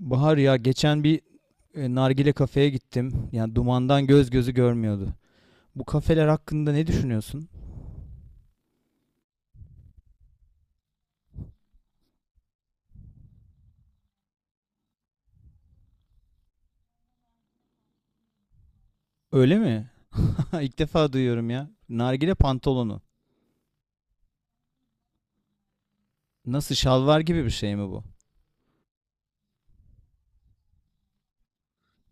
Bahar ya geçen bir nargile kafeye gittim. Yani dumandan göz gözü görmüyordu. Bu kafeler hakkında ne düşünüyorsun? Öyle mi? İlk defa duyuyorum ya. Nargile pantolonu. Nasıl şalvar gibi bir şey mi bu?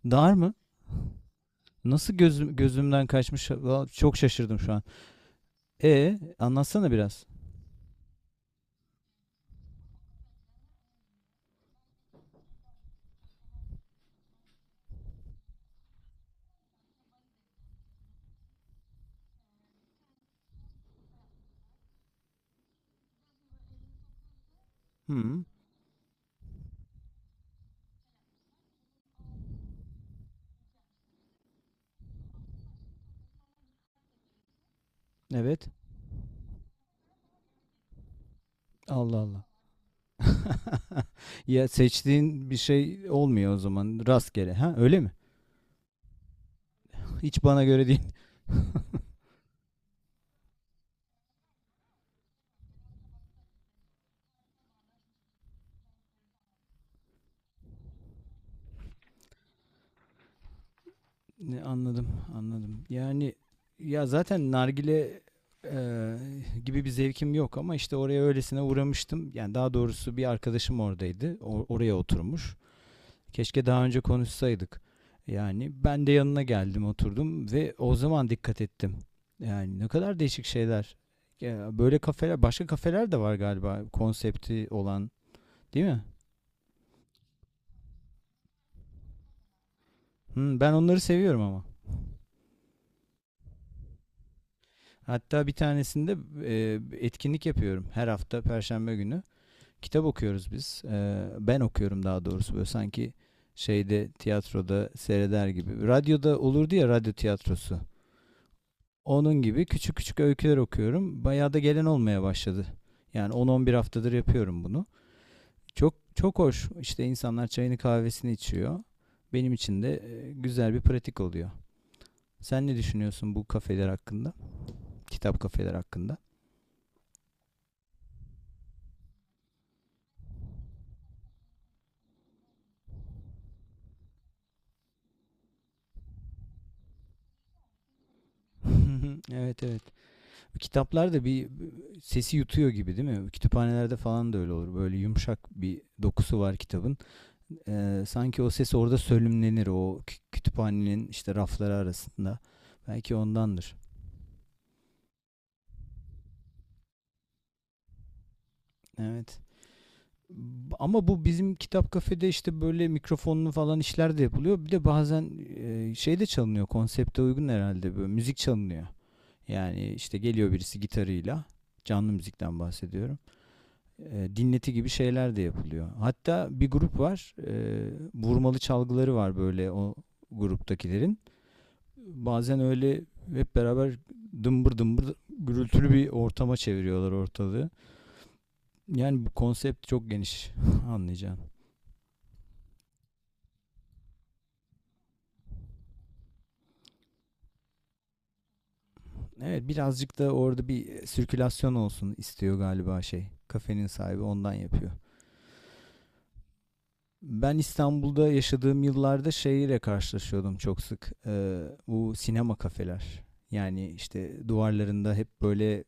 Dar mı? Nasıl gözümden kaçmış? Valla çok şaşırdım şu an. E anlatsana biraz. Hı, evet. Allah Allah. Ya seçtiğin bir şey olmuyor o zaman rastgele. Ha öyle mi? Hiç bana göre değil. Ne, anladım, anladım. Yani ya zaten nargile eee, gibi bir zevkim yok ama işte oraya öylesine uğramıştım. Yani daha doğrusu bir arkadaşım oradaydı. Oraya oturmuş. Keşke daha önce konuşsaydık. Yani ben de yanına geldim, oturdum ve o zaman dikkat ettim. Yani ne kadar değişik şeyler. Ya böyle kafeler, başka kafeler de var galiba konsepti olan, değil mi? Hı, ben onları seviyorum ama. Hatta bir tanesinde e, etkinlik yapıyorum her hafta Perşembe günü. Kitap okuyoruz biz. E, ben okuyorum daha doğrusu böyle sanki şeyde tiyatroda seyreder gibi. Radyoda olurdu ya radyo tiyatrosu. Onun gibi küçük küçük öyküler okuyorum. Bayağı da gelen olmaya başladı. Yani 10-11 haftadır yapıyorum bunu. Çok çok hoş. İşte insanlar çayını kahvesini içiyor. Benim için de güzel bir pratik oluyor. Sen ne düşünüyorsun bu kafeler hakkında? Kitap kafeler hakkında? Evet, evet. Kitaplar da bir sesi yutuyor gibi değil mi? Kütüphanelerde falan da öyle olur. Böyle yumuşak bir dokusu var kitabın. Sanki o ses orada sölümlenir o kütüphanenin işte rafları arasında. Belki ondandır. Evet. Ama bu bizim kitap kafede işte böyle mikrofonlu falan işler de yapılıyor. Bir de bazen şey de çalınıyor. Konsepte uygun herhalde böyle müzik çalınıyor. Yani işte geliyor birisi gitarıyla. Canlı müzikten bahsediyorum. Dinleti gibi şeyler de yapılıyor. Hatta bir grup var, vurmalı çalgıları var böyle o gruptakilerin. Bazen öyle hep beraber dımbır dımbır gürültülü bir ortama çeviriyorlar ortalığı. Yani bu konsept çok geniş anlayacağım. Evet, birazcık da orada bir sirkülasyon olsun istiyor galiba şey. Kafenin sahibi ondan yapıyor. Ben İstanbul'da yaşadığım yıllarda şeyle karşılaşıyordum çok sık. Bu sinema kafeler. Yani işte duvarlarında hep böyle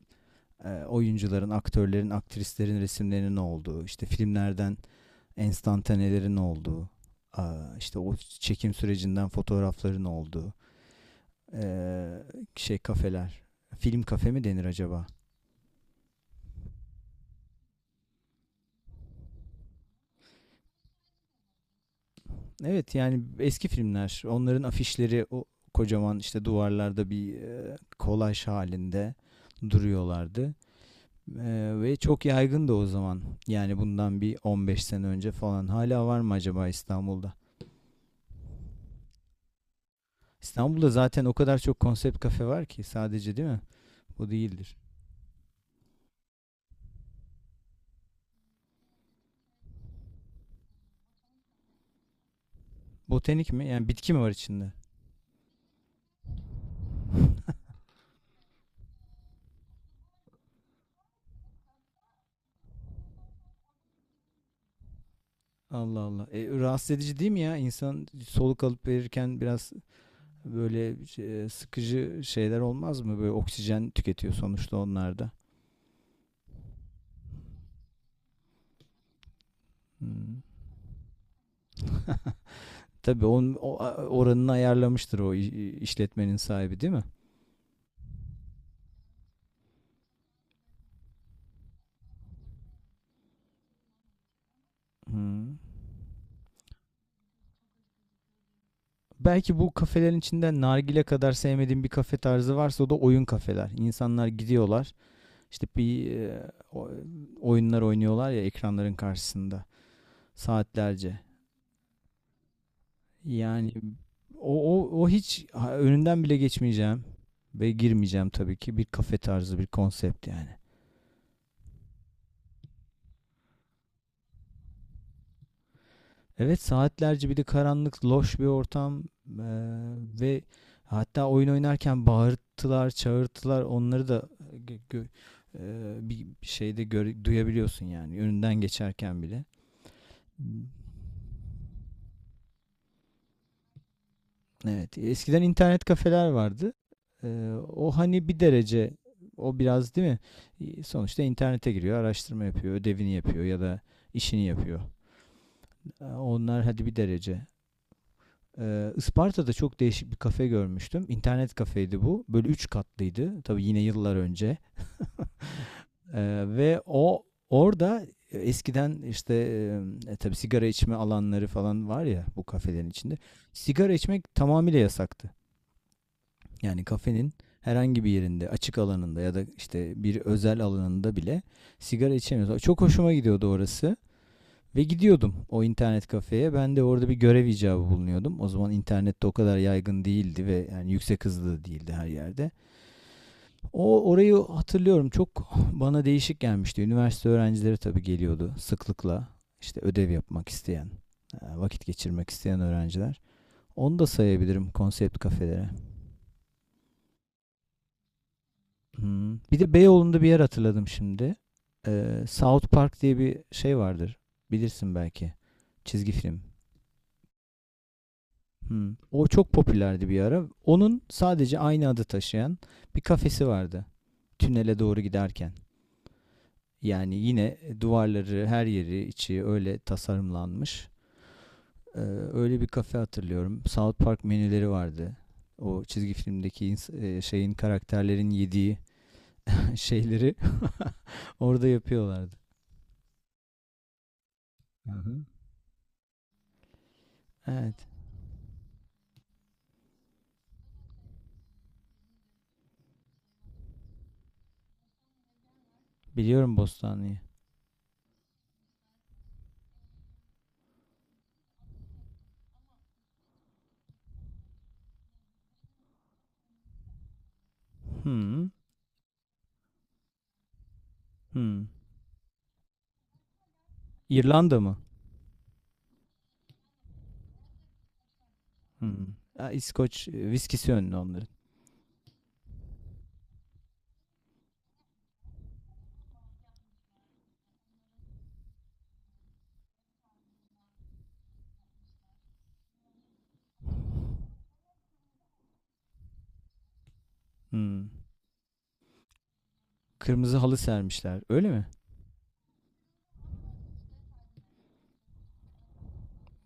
oyuncuların, aktörlerin, aktrislerin resimlerinin olduğu, işte filmlerden enstantanelerin olduğu, işte o çekim sürecinden fotoğrafların olduğu ee, şey kafeler. Film kafe mi denir acaba? Evet yani eski filmler onların afişleri o kocaman işte duvarlarda bir kolaj halinde duruyorlardı. Ve çok yaygındı o zaman. Yani bundan bir 15 sene önce falan. Hala var mı acaba İstanbul'da? İstanbul'da zaten o kadar çok konsept kafe var ki sadece değil mi? Bu değildir. Botanik mi? Yani bitki mi var içinde? Allah Allah. E, rahatsız edici değil mi ya? İnsan soluk alıp verirken biraz böyle sıkıcı şeyler olmaz mı? Böyle oksijen tüketiyor sonuçta onlar da. Hmm. Tabii onun oranını ayarlamıştır o işletmenin sahibi değil mi? Hmm. Belki bu kafelerin içinden nargile kadar sevmediğim bir kafe tarzı varsa o da oyun kafeler. İnsanlar gidiyorlar işte bir oyunlar oynuyorlar ya ekranların karşısında saatlerce. Yani o hiç ha, önünden bile geçmeyeceğim ve girmeyeceğim tabii ki bir kafe tarzı bir konsept yani. Evet, saatlerce bir de karanlık, loş bir ortam eee, ve hatta oyun oynarken bağırtılar, çağırtılar onları da gö- gö- bir şeyde duyabiliyorsun yani önünden geçerken bile. Hmm. Evet, eskiden internet kafeler vardı. Eee, o hani bir derece o biraz değil mi? Sonuçta internete giriyor, araştırma yapıyor, ödevini yapıyor ya da işini yapıyor. Onlar hadi bir derece. Isparta'da çok değişik bir kafe görmüştüm. İnternet kafeydi bu. Böyle üç katlıydı. Tabii yine yıllar önce. Ve o orada eskiden işte tabii sigara içme alanları falan var ya bu kafelerin içinde. Sigara içmek tamamıyla yasaktı. Yani kafenin herhangi bir yerinde, açık alanında ya da işte bir özel alanında bile sigara içemiyoruz. Çok hoşuma gidiyordu orası. Ve gidiyordum o internet kafeye. Ben de orada bir görev icabı bulunuyordum. O zaman internet de o kadar yaygın değildi ve yani yüksek hızlı değildi her yerde. O orayı hatırlıyorum çok bana değişik gelmişti. Üniversite öğrencileri tabii geliyordu sıklıkla. İşte ödev yapmak isteyen, vakit geçirmek isteyen öğrenciler. Onu da sayabilirim konsept kafelere. Hmm. Bir de Beyoğlu'nda bir yer hatırladım şimdi. South Park diye bir şey vardır. Bilirsin belki. Çizgi film. Hmm. O çok popülerdi bir ara. Onun sadece aynı adı taşıyan bir kafesi vardı. Tünele doğru giderken. Yani yine duvarları, her yeri, içi öyle tasarımlanmış. Ee, öyle bir kafe hatırlıyorum. South Park menüleri vardı. O çizgi filmdeki şeyin karakterlerin yediği şeyleri orada yapıyorlardı. Hı hı. Evet, biliyorum Bostanlı'yı. Hmm. Hmm. İrlanda mı? Hmm. Ha, İskoç viskisi önlü onların. Hmm. Kırmızı halı sermişler. Öyle mi?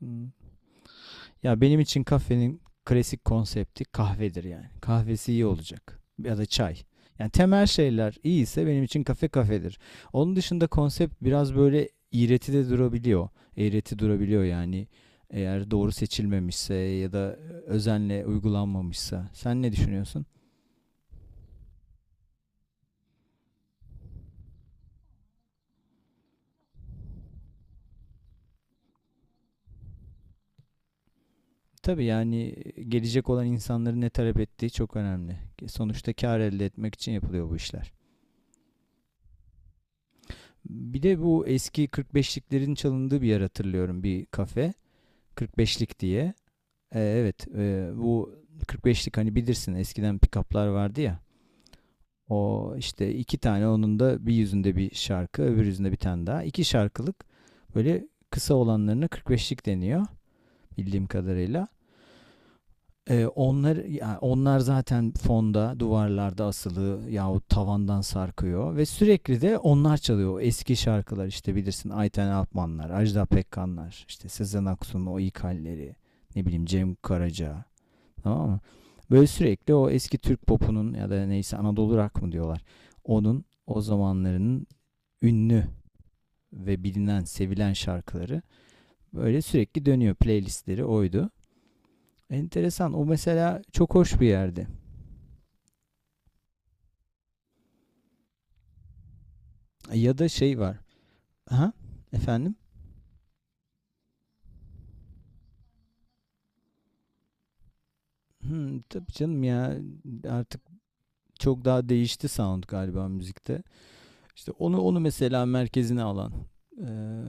Hmm. Ya benim için kafenin klasik konsepti kahvedir yani. Kahvesi iyi olacak. Ya da çay. Yani temel şeyler iyiyse benim için kafe kafedir. Onun dışında konsept biraz böyle iğreti de durabiliyor. Eğreti durabiliyor yani. Eğer doğru seçilmemişse ya da özenle uygulanmamışsa. Sen ne düşünüyorsun? Tabii yani gelecek olan insanların ne talep ettiği çok önemli. Sonuçta kar elde etmek için yapılıyor bu işler. Bir de bu eski 45'liklerin çalındığı bir yer hatırlıyorum bir kafe. 45'lik diye. Evet. Bu 45'lik hani bilirsin eskiden pick-up'lar vardı ya. O işte iki tane onun da bir yüzünde bir şarkı öbür yüzünde bir tane daha. İki şarkılık böyle kısa olanlarına 45'lik deniyor bildiğim kadarıyla. Onlar ya onlar zaten fonda, duvarlarda asılı yahut tavandan sarkıyor ve sürekli de onlar çalıyor. O eski şarkılar işte bilirsin Ayten Alpmanlar, Ajda Pekkanlar, işte Sezen Aksu'nun o ilk halleri, ne bileyim Cem Karaca. Tamam mı? Böyle sürekli o eski Türk popunun ya da neyse Anadolu rock mı diyorlar. Onun o zamanlarının ünlü ve bilinen, sevilen şarkıları böyle sürekli dönüyor. Playlistleri oydu. Enteresan. O mesela çok hoş bir yerdi. Ya da şey var. Aha, efendim? Hmm, tabii canım ya artık çok daha değişti sound galiba müzikte. İşte onu mesela merkezine alan e,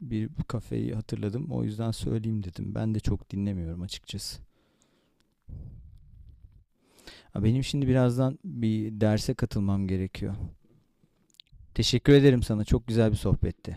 bir kafeyi hatırladım. O yüzden söyleyeyim dedim. Ben de çok dinlemiyorum açıkçası. Ha, benim şimdi birazdan bir derse katılmam gerekiyor. Teşekkür ederim sana. Çok güzel bir sohbetti.